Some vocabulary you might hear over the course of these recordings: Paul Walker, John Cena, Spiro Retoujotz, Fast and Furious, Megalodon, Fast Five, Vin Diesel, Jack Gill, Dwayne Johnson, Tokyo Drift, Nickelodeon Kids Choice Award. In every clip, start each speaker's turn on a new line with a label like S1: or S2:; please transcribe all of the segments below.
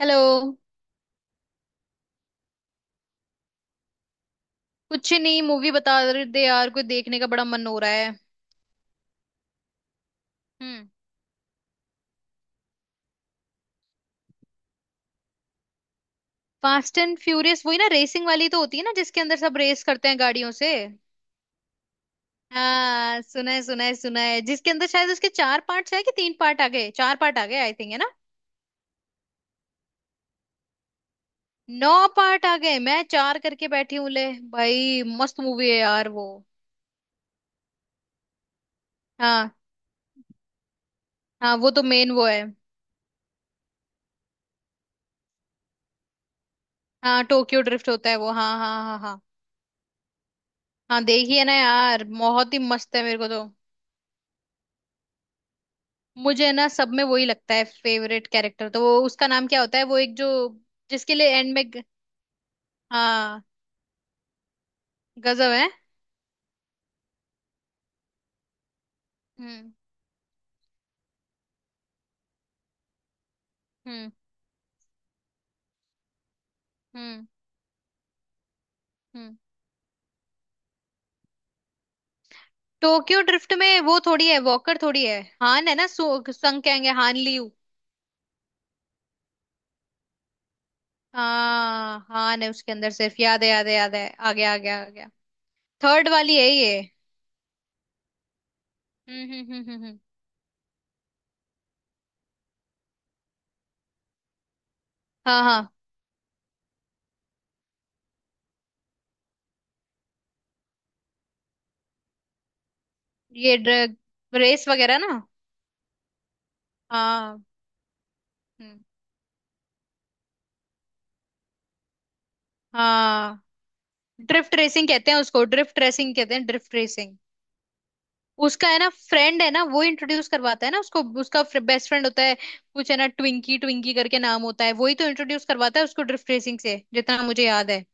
S1: Hello. कुछ नहीं, movie बता रहे थे यार, कोई देखने का बड़ा मन हो रहा है। हम्म। फास्ट एंड फ्यूरियस वही ना, रेसिंग वाली तो होती है ना, जिसके अंदर सब रेस करते हैं गाड़ियों से। हाँ, सुना है, जिसके अंदर शायद उसके चार पार्ट्स है कि तीन पार्ट आ गए, चार पार्ट आ गए, आई थिंक, है ना। नौ पार्ट आ गए? मैं चार करके बैठी हूँ ले भाई, मस्त मूवी है यार वो। हाँ, हाँ वो तो मेन वो है। हाँ, टोक्यो ड्रिफ्ट होता है वो, हाँ हाँ हाँ हाँ हाँ देखिए ना यार, बहुत ही मस्त है मेरे को तो। मुझे ना सब में वही लगता है फेवरेट कैरेक्टर, तो वो उसका नाम क्या होता है, वो एक जो जिसके लिए एंड में ग- हाँ, गजब है। हम्म हम्म हम्म हम्म टोक्यो ड्रिफ्ट में वो थोड़ी है, वॉकर थोड़ी है, हान है ना, संग कहेंगे, हान लियू। हाँ हान है उसके अंदर सिर्फ, याद है याद है याद है, आ गया आ गया आ गया। थर्ड वाली है ये। हम्म हम्म हम्म हम्म हम्म। हाँ हाँ। ये ड्रग, रेस वगैरह ना। हाँ। हम्म, हाँ, ड्रिफ्ट रेसिंग कहते हैं उसको, ड्रिफ्ट रेसिंग कहते हैं, ड्रिफ्ट रेसिंग। उसका है ना फ्रेंड है ना, वो इंट्रोड्यूस करवाता है ना उसको, उसका बेस्ट फ्रेंड होता है, कुछ है ना ट्विंकी, ट्विंकी करके नाम होता है, वही तो इंट्रोड्यूस करवाता है उसको ड्रिफ्ट रेसिंग से, जितना मुझे याद है।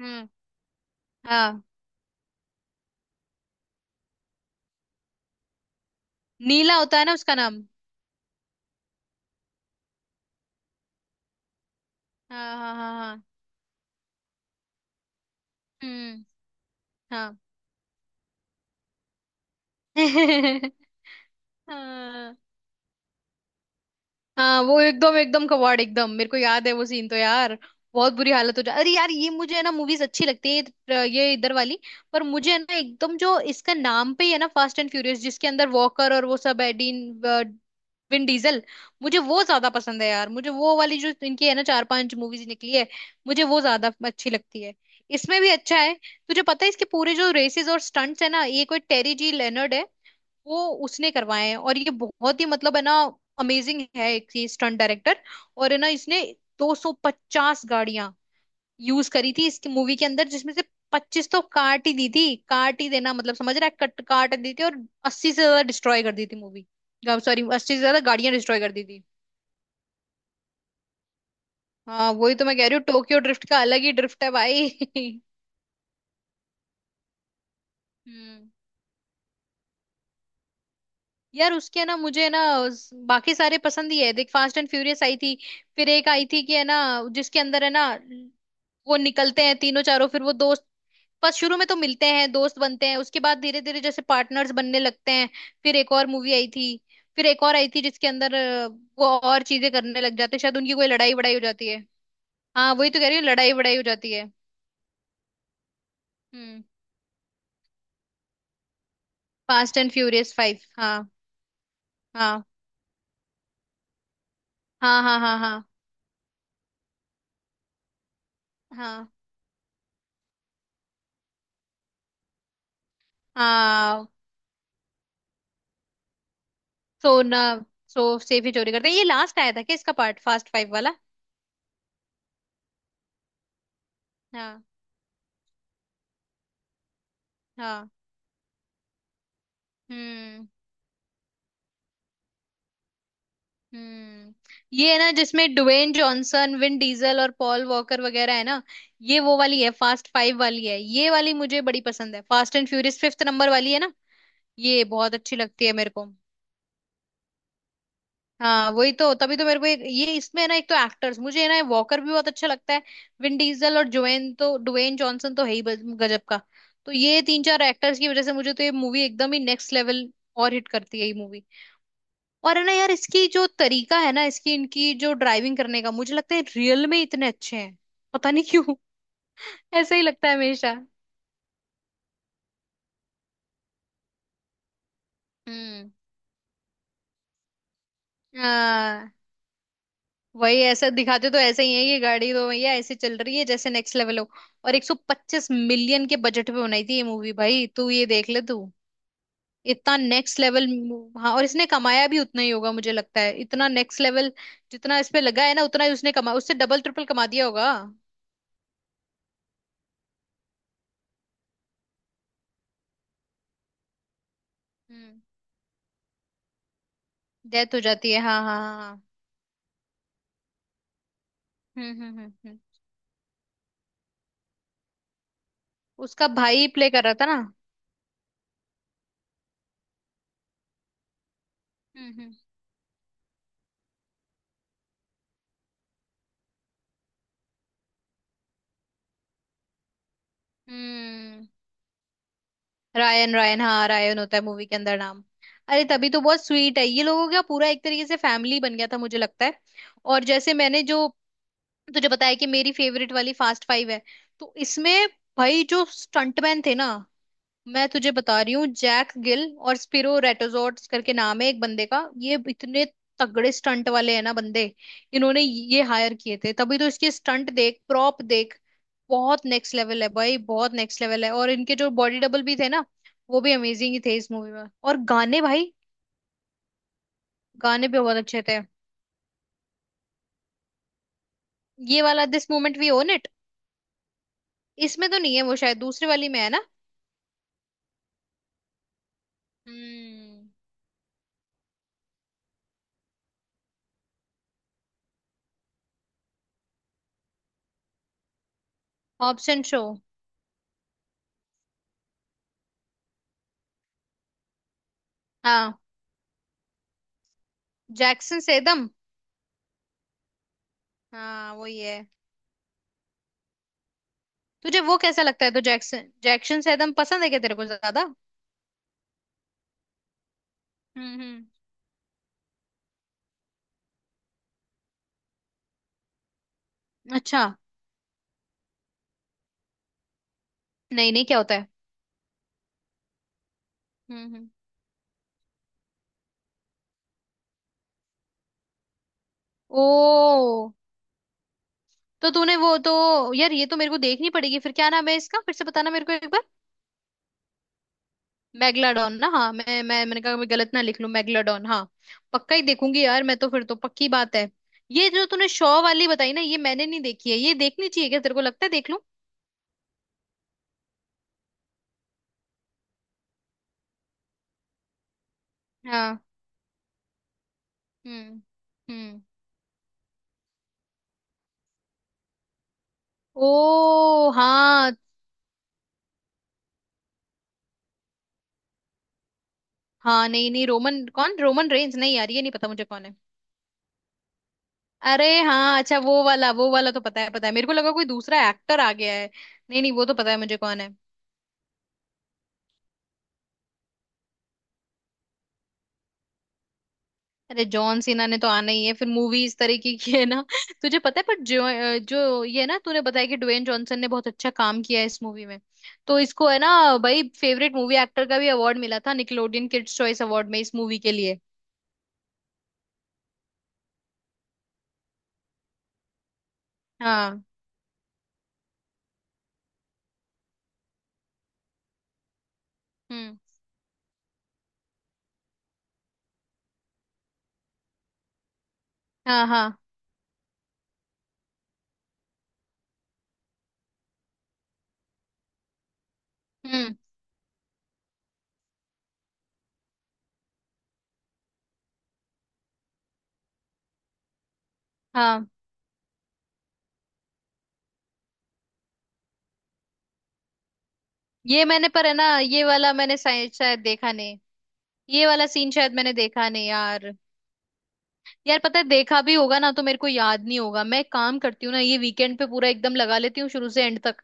S1: हम्म। हाँ, नीला होता है ना उसका नाम। हाँ हाँ हाँ हाँ हम्म। हाँ। हाँ, हाँ वो एकदम एकदम कबाड़ एकदम, मेरे को याद है वो सीन तो यार, बहुत बुरी हालत हो जा। अरे यार, ये मुझे है ना मूवीज अच्छी लगती है, ये इधर वाली। पर मुझे है ना एकदम जो इसका नाम पे ही है ना, फास्ट एंड फ्यूरियस, जिसके अंदर वॉकर और वो सब है, डीन, विन डीजल, मुझे वो ज्यादा पसंद है यार। मुझे वो वाली जो इनकी है ना, चार पांच मूवीज निकली है, मुझे वो ज्यादा अच्छी लगती है। इसमें भी अच्छा है। तुझे पता है इसके पूरे जो रेसेस और स्टंट्स है ना, ये कोई टेरी जी लेनर्ड है, वो उसने करवाए हैं, और ये बहुत ही मतलब है ना, अमेजिंग है एक ये स्टंट डायरेक्टर। और है ना, इसने 250 गाड़ियां यूज करी थी इसकी मूवी के अंदर, जिसमें से 25 तो काट ही दी थी, काट ही देना मतलब समझ रहा है, कट काट दी थी, और 80 से ज्यादा डिस्ट्रॉय कर दी थी मूवी, सॉरी 80 से ज्यादा गाड़ियां डिस्ट्रॉय कर दी थी। हाँ वही तो मैं कह रही हूँ, टोक्यो ड्रिफ्ट का अलग ही ड्रिफ्ट है भाई। हम्म। यार उसके ना मुझे ना बाकी सारे पसंद ही है, देख, फास्ट एंड फ्यूरियस आई थी, फिर एक आई थी कि है ना, जिसके अंदर है ना, वो निकलते हैं तीनों चारों, फिर वो दोस्त, बस शुरू में तो मिलते हैं दोस्त बनते हैं, उसके बाद धीरे धीरे जैसे पार्टनर्स बनने लगते हैं। फिर एक और मूवी आई थी, फिर एक और आई थी जिसके अंदर वो और चीजें करने लग जाते हैं, शायद उनकी कोई लड़ाई वड़ाई हो जाती है। हाँ वही तो कह रही हूँ, लड़ाई वड़ाई हो जाती है। हम्म। Fast and furious five. हाँ हाँ हाँ, हाँ हाँ हाँ। सोना, सो सेफ ही चोरी करते हैं। ये लास्ट आया था क्या इसका पार्ट, फास्ट फाइव वाला? हाँ। हाँ। हम्म हम्म ये है ना जिसमें ड्वेन जॉनसन, विन डीजल और पॉल वॉकर वगैरह है ना। ये वो वाली है, फास्ट फाइव वाली है ये वाली, मुझे बड़ी पसंद है, fast and furious fifth number वाली है ना। ये बहुत अच्छी लगती है मेरे को। हाँ वही तो, तभी तो मेरे को एक, ये इसमें है ना एक तो एक्टर्स, मुझे है ना वॉकर भी बहुत अच्छा लगता है, विन डीजल और ड्वेन, तो ड्वेन जॉनसन तो है ही गजब का, तो ये तीन चार एक्टर्स की वजह से मुझे तो ये मूवी एकदम ही नेक्स्ट लेवल और हिट करती है ये मूवी। और है ना यार, इसकी जो तरीका है ना इसकी, इनकी जो ड्राइविंग करने का, मुझे लगता है रियल में इतने अच्छे हैं, पता नहीं क्यों। ऐसा ही लगता है हमेशा। हम्म। वही, ऐसा दिखाते तो ऐसे ही है ये गाड़ी, तो भैया ऐसे चल रही है जैसे नेक्स्ट लेवल हो, और 125 मिलियन के बजट पे बनाई थी ये मूवी भाई, तू ये देख ले तू, इतना नेक्स्ट लेवल। हाँ, और इसने कमाया भी उतना ही होगा मुझे लगता है, इतना नेक्स्ट लेवल, जितना इस पे लगा है ना उतना ही उसने कमा, उससे डबल ट्रिपल कमा दिया होगा। हम्म। डेथ हो जाती है हाँ हाँ हाँ हाँ। हम्म हम्म हम्म हम्म। उसका भाई प्ले कर रहा था ना? हम्म हम्म हम्म। रायन, रायन हाँ, रायन होता है मूवी के अंदर नाम। अरे तभी तो बहुत स्वीट है, ये लोगों का पूरा एक तरीके से फैमिली बन गया था मुझे लगता है। और जैसे मैंने जो तुझे बताया कि मेरी फेवरेट वाली फास्ट फाइव है, तो इसमें भाई जो स्टंटमैन थे ना, मैं तुझे बता रही हूँ, जैक गिल और स्पिरो रेटोजोट्स करके नाम है एक बंदे का, ये इतने तगड़े स्टंट वाले हैं ना बंदे, इन्होंने ये हायर किए थे, तभी तो इसके स्टंट देख, प्रॉप देख, बहुत नेक्स्ट लेवल है भाई, बहुत नेक्स्ट लेवल है। और इनके जो बॉडी डबल भी थे ना, वो भी अमेजिंग ही थे इस मूवी में, और गाने भाई, गाने भी बहुत अच्छे थे। ये वाला, this moment we own it, इसमें तो नहीं है वो, शायद दूसरी वाली में है ना। हम्म। Hobbs and Shaw. हाँ। Jackson Statham. हाँ वही है। तुझे वो कैसा लगता है, तो जैक्सन, जैक्सन से एकदम पसंद है क्या तेरे को ज्यादा? हम्म हम्म अच्छा, नहीं नहीं, क्या होता है? हम्म हम्म। ओ, तो तूने वो, तो यार ये तो मेरे को देखनी पड़ेगी, फिर क्या नाम है इसका, फिर से बताना मेरे को एक बार। मैगलाडॉन ना, हाँ मैं, मैंने कहा मैं गलत ना लिख लूं, मैगलाडॉन हाँ। पक्का ही देखूंगी यार मैं तो, फिर तो पक्की बात है। ये जो तूने शॉ वाली बताई ना, ये मैंने नहीं देखी है, ये देखनी चाहिए क्या तेरे को लगता है, देख लूं? हाँ। हम्म हम्म ओ हाँ। हाँ नहीं नहीं, रोमन कौन, रोमन रेंज? नहीं यार ये नहीं पता मुझे कौन है। अरे हाँ, अच्छा वो वाला, वो वाला तो पता है पता है, मेरे को लगा कोई दूसरा एक्टर आ गया है। नहीं नहीं, वो तो पता है मुझे कौन है। अरे जॉन सीना ने तो आना ही है, फिर मूवी इस तरीके की है ना। तुझे पता है पर, जो जो ये ना तूने बताया कि ड्वेन जॉनसन ने बहुत अच्छा काम किया है इस मूवी में, तो इसको है ना भाई, फेवरेट मूवी एक्टर का भी अवार्ड मिला था, निकलोडियन किड्स चॉइस अवार्ड में, इस मूवी के लिए। हाँ। हम्म। हाँ। हम्म। हाँ, ये मैंने पर है ना, ये वाला मैंने शायद शायद देखा नहीं, ये वाला सीन शायद मैंने देखा नहीं यार। यार पता है देखा भी होगा ना तो मेरे को याद नहीं होगा, मैं एक काम करती हूँ ना, ये वीकेंड पे पूरा एकदम लगा लेती हूँ शुरू से एंड तक,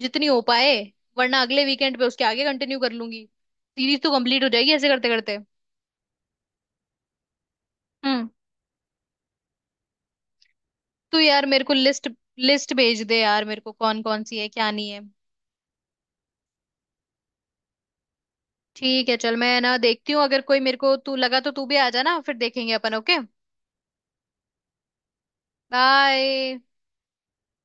S1: जितनी हो पाए, वरना अगले वीकेंड पे उसके आगे कंटिन्यू कर लूंगी, सीरीज तो कंप्लीट हो जाएगी ऐसे करते करते। हम्म। तो यार मेरे को लिस्ट लिस्ट भेज दे यार मेरे को, कौन कौन सी है क्या नहीं है। ठीक है चल, मैं ना देखती हूँ, अगर कोई मेरे को तू लगा तो तू भी आ जाना, फिर देखेंगे अपन, ओके। बाय।